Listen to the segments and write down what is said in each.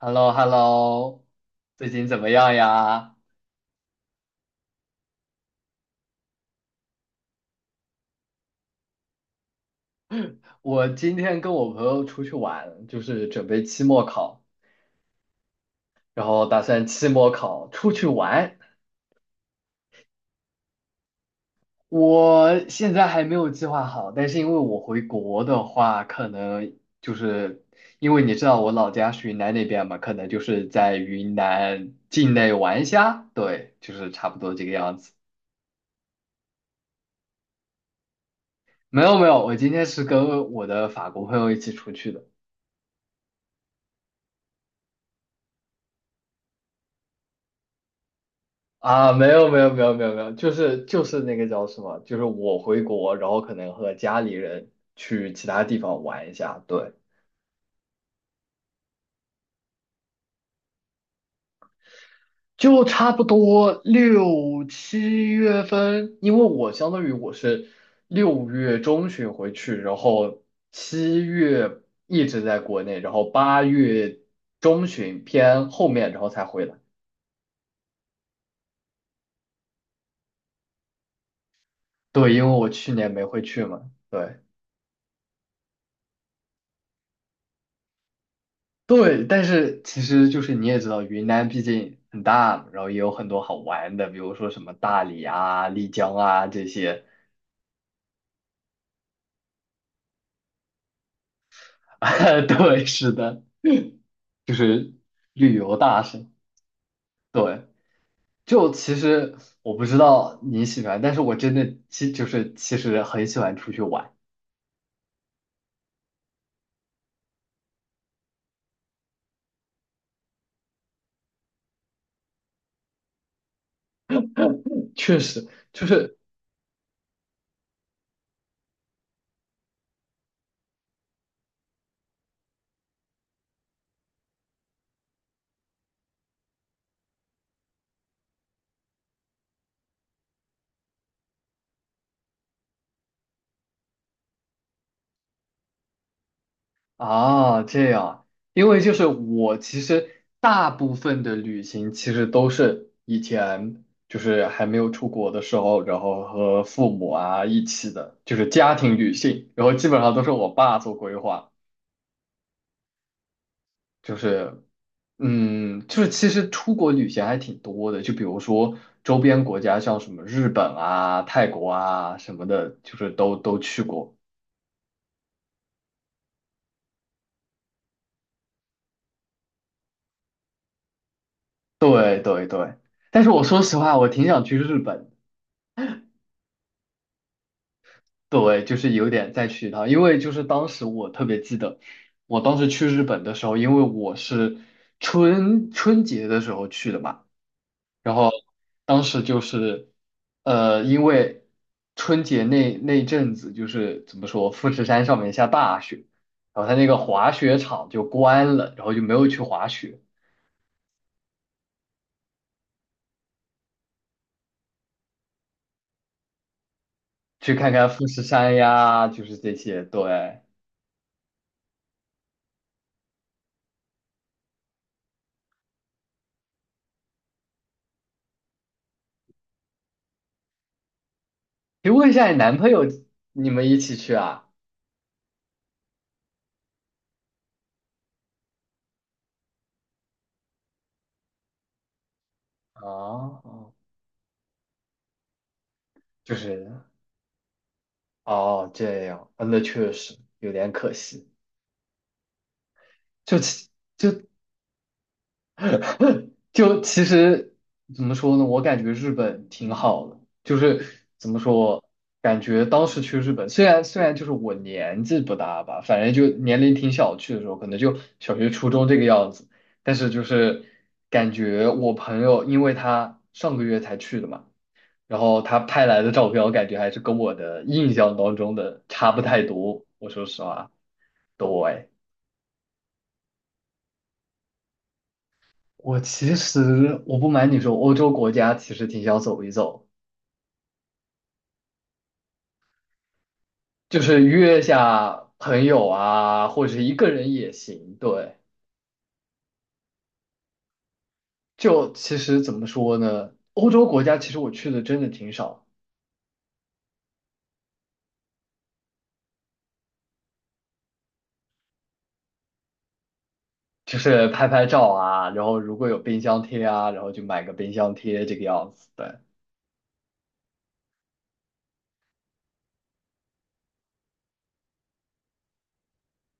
h e l l o h e l l o 最近怎么样呀？我今天跟我朋友出去玩，就是准备期末考，然后打算期末考出去玩。我现在还没有计划好，但是因为我回国的话，可能就是因为你知道我老家是云南那边嘛，可能就是在云南境内玩一下，对，就是差不多这个样子。没有没有，我今天是跟我的法国朋友一起出去的。啊，没有没有没有没有没有，就是那个叫什么，就是我回国，然后可能和家里人去其他地方玩一下，对，就差不多6、7月份，因为我相当于我是6月中旬回去，然后七月一直在国内，然后8月中旬偏后面，然后才回来。对，因为我去年没回去嘛，对。对，但是其实就是你也知道，云南毕竟很大嘛然后也有很多好玩的，比如说什么大理啊、丽江啊这些。啊，对，是的，就是旅游大省。对，就其实我不知道你喜欢，但是我真的其就是其实很喜欢出去玩，确实。就是。啊，这样，因为就是我其实大部分的旅行其实都是以前就是还没有出国的时候，然后和父母啊一起的，就是家庭旅行，然后基本上都是我爸做规划，就是嗯，就是其实出国旅行还挺多的，就比如说周边国家像什么日本啊、泰国啊什么的，就是都去过。对对对，但是我说实话，我挺想去日本的对，就是有点再去一趟，因为就是当时我特别记得，我当时去日本的时候，因为我是春节的时候去的嘛，然后当时就是，因为春节那一阵子就是怎么说，富士山上面下大雪，然后它那个滑雪场就关了，然后就没有去滑雪，去看看富士山呀，就是这些。对，可以问一下你男朋友，你们一起去啊？哦，就是。哦，这样，啊那确实有点可惜。就其 就其实怎么说呢？我感觉日本挺好的，就是怎么说，感觉当时去日本，虽然就是我年纪不大吧，反正就年龄挺小，去的时候可能就小学、初中这个样子，但是就是感觉我朋友，因为他上个月才去的嘛，然后他拍来的照片，我感觉还是跟我的印象当中的差不太多。我说实话，对。我其实我不瞒你说，欧洲国家其实挺想走一走，就是约下朋友啊，或者是一个人也行。对，就其实怎么说呢，欧洲国家其实我去的真的挺少，就是拍拍照啊，然后如果有冰箱贴啊，然后就买个冰箱贴这个样子。对，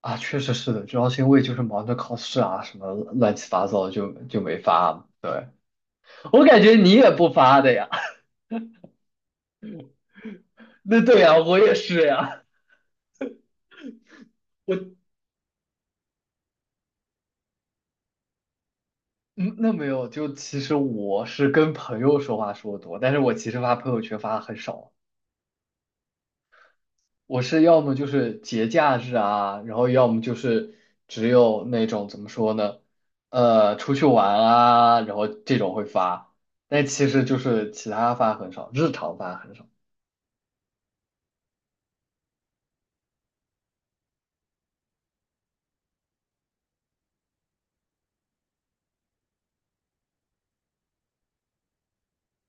啊，确实是的，主要是因为就是忙着考试啊，什么乱七八糟就没发。对，我感觉你也不发的呀。那对呀，我也是呀。我。嗯，那没有，就其实我是跟朋友说话说的多，但是我其实发朋友圈发的很少，我是要么就是节假日啊，然后要么就是只有那种怎么说呢，出去玩啊，然后这种会发，但其实就是其他发很少，日常发很少，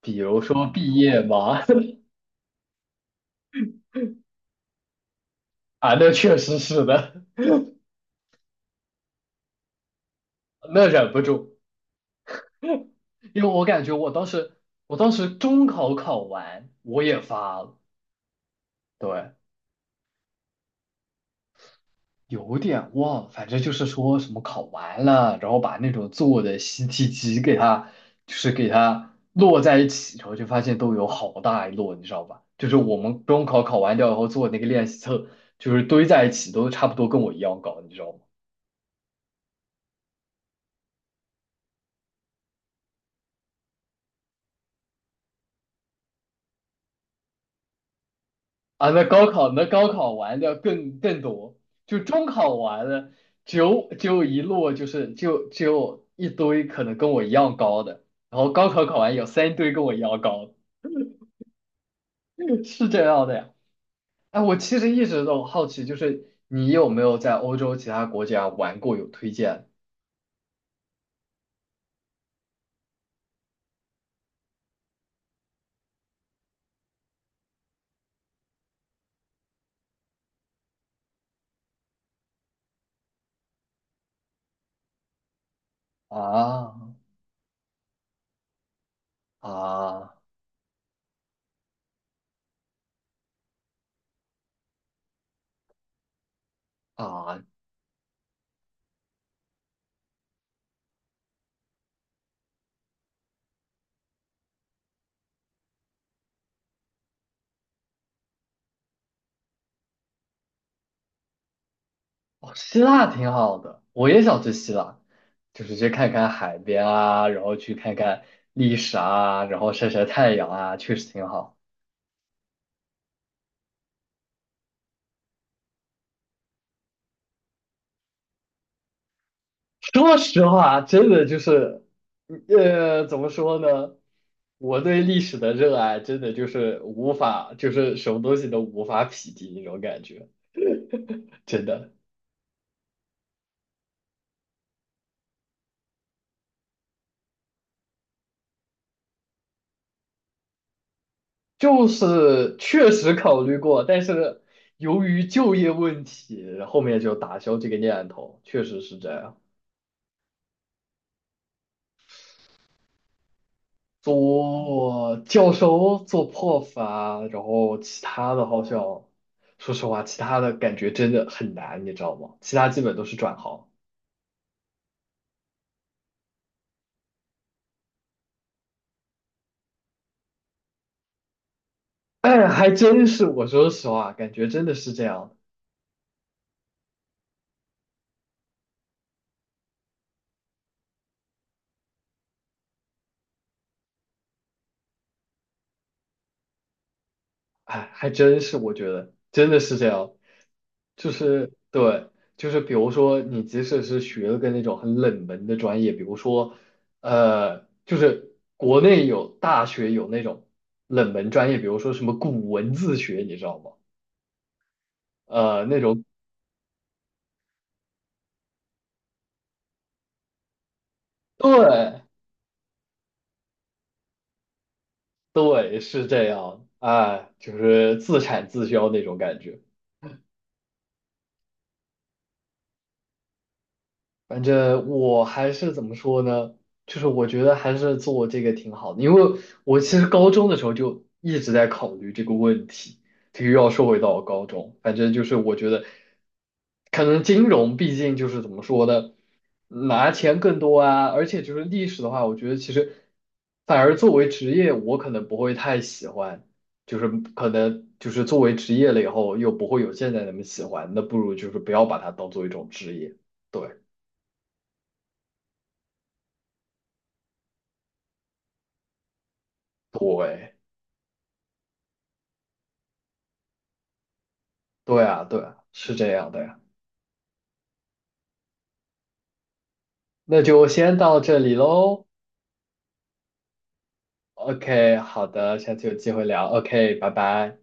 比如说毕业嘛，啊，那确实是的，那忍不住，因为我感觉我当时中考考完我也发了，对。有点忘，反正就是说什么考完了，然后把那种做的习题集给它，就是给它摞在一起，然后就发现都有好大一摞，你知道吧？就是我们中考考完掉以后做那个练习册，就是堆在一起都差不多跟我一样高，你知道吗？啊，那高考完的更多，就中考完了，就一摞，就是就一堆可能跟我一样高的，然后高考考完有三堆跟我一样高的，是这样的呀。哎，我其实一直都好奇，就是你有没有在欧洲其他国家玩过？有推荐啊啊啊！哦，希腊挺好的，我也想去希腊，就是去看看海边啊，然后去看看历史啊，然后晒晒太阳啊，确实挺好。说实话，真的就是，怎么说呢？我对历史的热爱真的就是无法，就是什么东西都无法匹敌那种感觉，真的。就是确实考虑过，但是由于就业问题，后面就打消这个念头。确实是这样，做教授、做 prof 啊，然后其他的好像，说实话，其他的感觉真的很难，你知道吗？其他基本都是转行。哎，还真是，我说实话，感觉真的是这样。哎，还真是，我觉得真的是这样，就是对，就是比如说你即使是学了个那种很冷门的专业，比如说，就是国内有大学有那种冷门专业，比如说什么古文字学，你知道吗？那种对对是这样，哎，就是自产自销那种感觉。反正我还是怎么说呢？就是我觉得还是做这个挺好的，因为我其实高中的时候就一直在考虑这个问题。这个又要说回到我高中，反正就是我觉得，可能金融毕竟就是怎么说呢，拿钱更多啊，而且就是历史的话，我觉得其实反而作为职业，我可能不会太喜欢，就是可能就是作为职业了以后，又不会有现在那么喜欢，那不如就是不要把它当做一种职业。对。对，对啊，对啊，是这样的呀。那就先到这里喽。OK，好的，下次有机会聊。OK，拜拜。